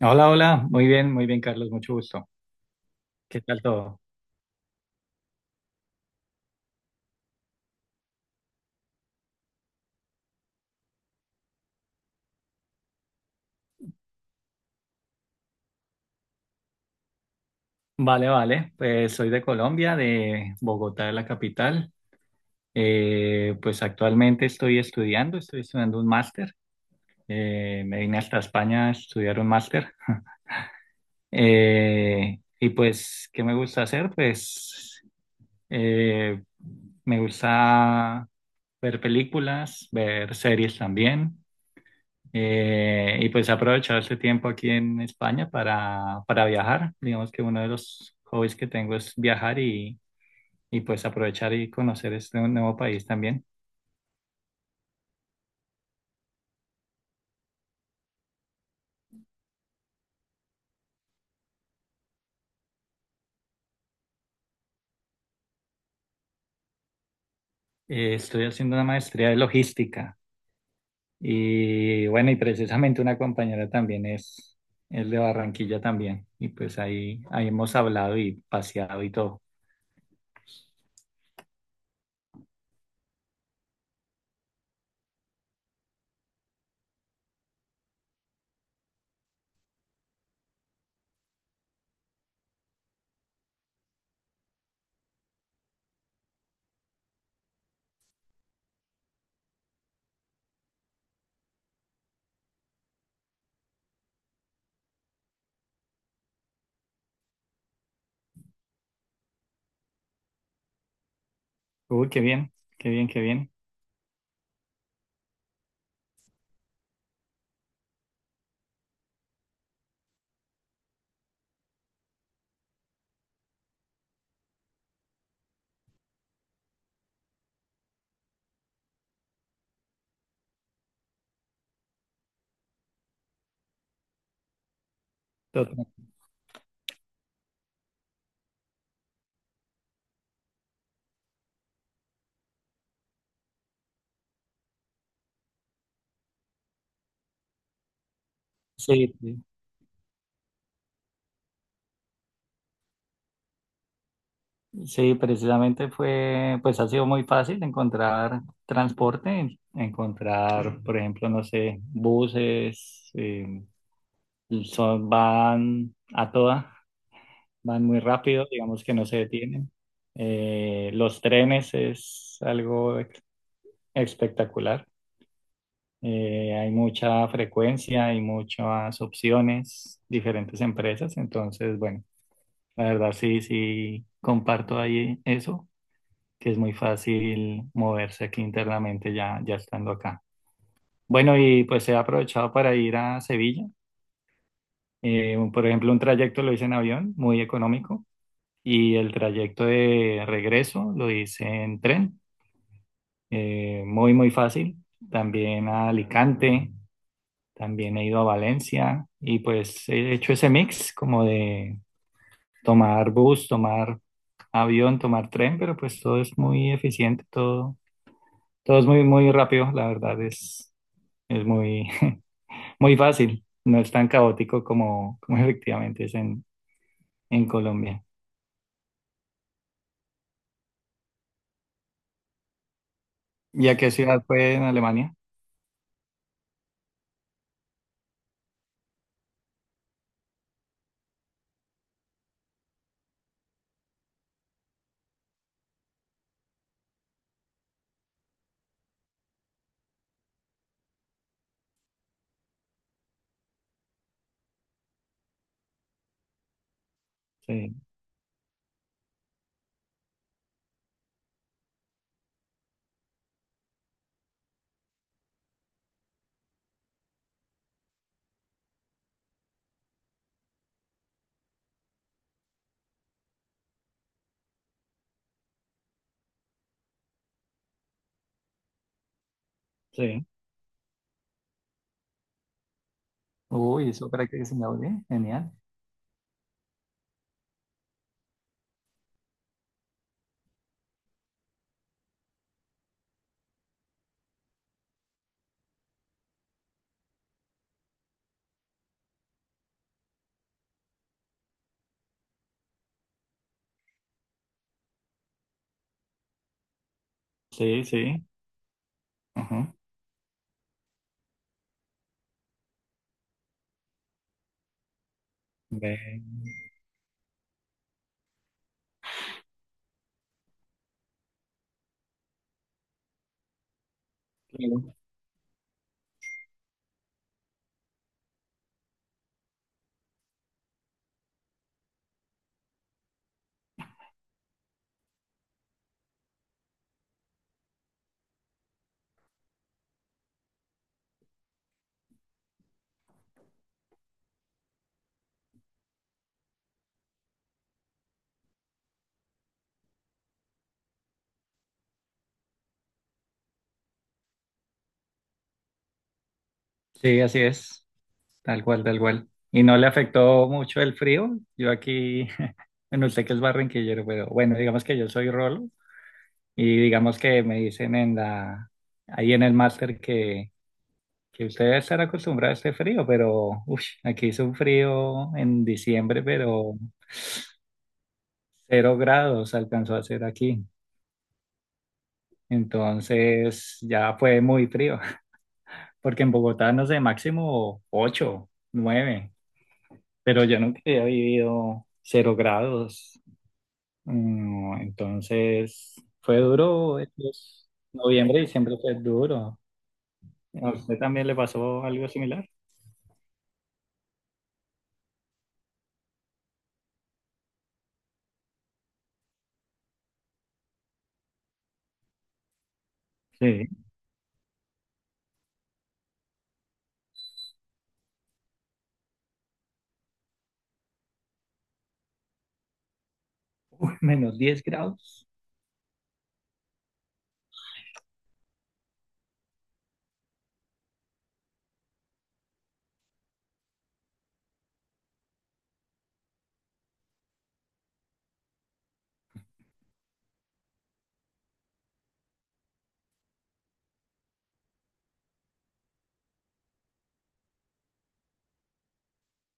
Hola, hola, muy bien, Carlos, mucho gusto. ¿Qué tal todo? Vale, vale, pues soy de Colombia, de Bogotá, de la capital. Pues actualmente estoy estudiando un máster. Me vine hasta España a estudiar un máster. Y pues, ¿qué me gusta hacer? Pues eh, me gusta ver películas, ver series también. Y pues he aprovechado este tiempo aquí en España para viajar. Digamos que uno de los hobbies que tengo es viajar y pues aprovechar y conocer este nuevo país también. Estoy haciendo una maestría de logística y bueno, y precisamente una compañera también es de Barranquilla también. Y pues ahí hemos hablado y paseado y todo. Uy, qué bien, qué bien, qué bien. Total. Sí, sí, precisamente fue, pues ha sido muy fácil encontrar transporte, encontrar, por ejemplo, no sé, buses, son, van muy rápido, digamos que no se detienen. Los trenes es algo espectacular. Hay mucha frecuencia, hay muchas opciones, diferentes empresas, entonces, bueno, la verdad sí, sí, comparto ahí eso, que es muy fácil moverse aquí internamente ya estando acá. Bueno, y pues he aprovechado para ir a Sevilla. Por ejemplo, un trayecto lo hice en avión, muy económico, y el trayecto de regreso lo hice en tren, muy, muy fácil. También a Alicante, también he ido a Valencia y pues he hecho ese mix como de tomar bus, tomar avión, tomar tren, pero pues todo es muy eficiente, todo, todo es muy, muy rápido, la verdad es. Es muy, muy fácil, no es tan caótico como, efectivamente es en Colombia. ¿Y a qué ciudad fue en Alemania? Sí, sí. Uy, eso para que se me oye, genial. Sí, sí. Ajá. Ve, claro. Sí, así es, tal cual, tal cual. ¿Y no le afectó mucho el frío? Yo aquí, bueno, usted que es barranquillero, pero bueno, digamos que yo soy rolo y digamos que me dicen ahí en el máster, que usted debe estar acostumbrado a este frío, pero uff, aquí hizo un frío en diciembre, pero 0 grados alcanzó a hacer aquí. Entonces ya fue muy frío, porque en Bogotá no sé, máximo 8, 9, pero yo nunca había vivido 0 grados. Entonces fue duro, noviembre y diciembre fue duro. ¿A usted también le pasó algo similar? Sí, -10 grados.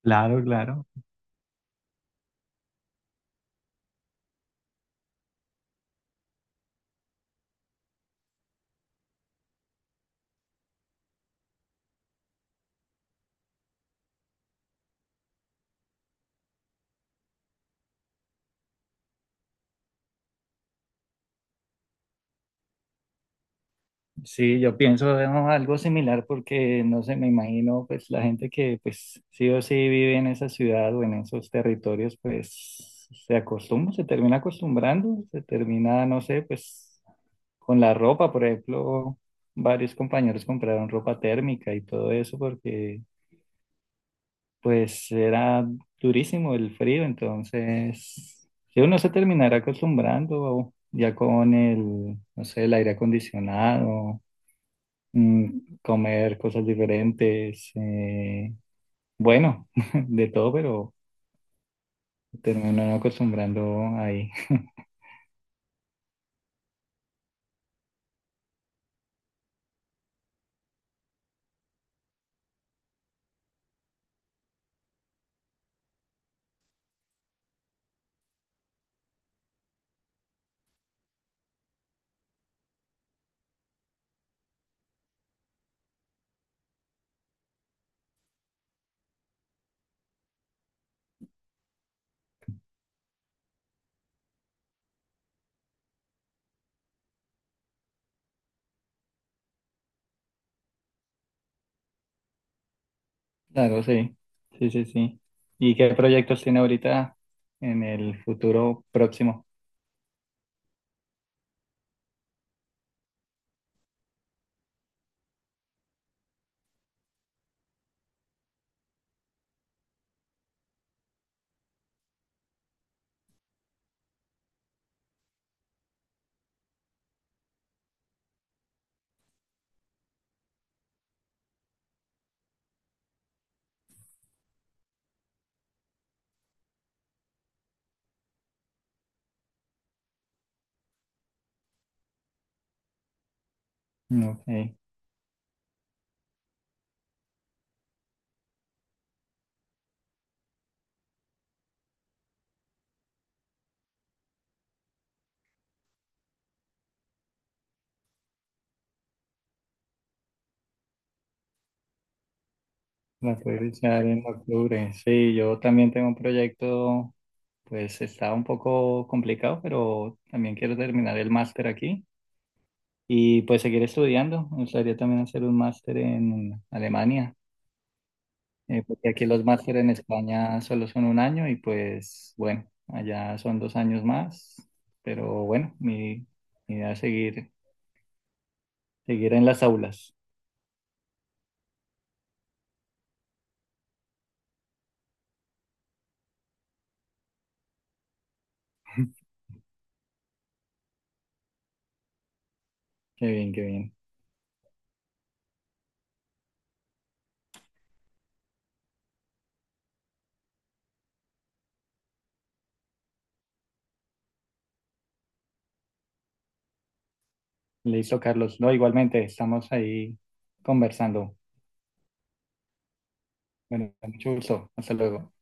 Claro, claro. Sí, yo pienso, ¿no?, algo similar, porque no sé, me imagino pues la gente que pues sí o sí vive en esa ciudad o en esos territorios pues se acostumbra, se termina acostumbrando, se termina, no sé, pues con la ropa, por ejemplo, varios compañeros compraron ropa térmica y todo eso porque pues era durísimo el frío, entonces sí, uno se terminará acostumbrando ya con el, no sé, el aire acondicionado, comer cosas diferentes, bueno, de todo, pero termino no acostumbrando ahí. Claro, sí, sí, sí, sí. ¿Y qué proyectos tiene ahorita en el futuro próximo? Ok, la puedo iniciar en octubre. Sí, yo también tengo un proyecto, pues está un poco complicado, pero también quiero terminar el máster aquí y pues seguir estudiando. Me gustaría también hacer un máster en Alemania, porque aquí los máster en España solo son un año y pues bueno, allá son 2 años más, pero bueno, mi idea es seguir, seguir en las aulas. Qué bien, qué bien. Listo, Carlos. No, igualmente, estamos ahí conversando. Bueno, mucho gusto. Hasta luego.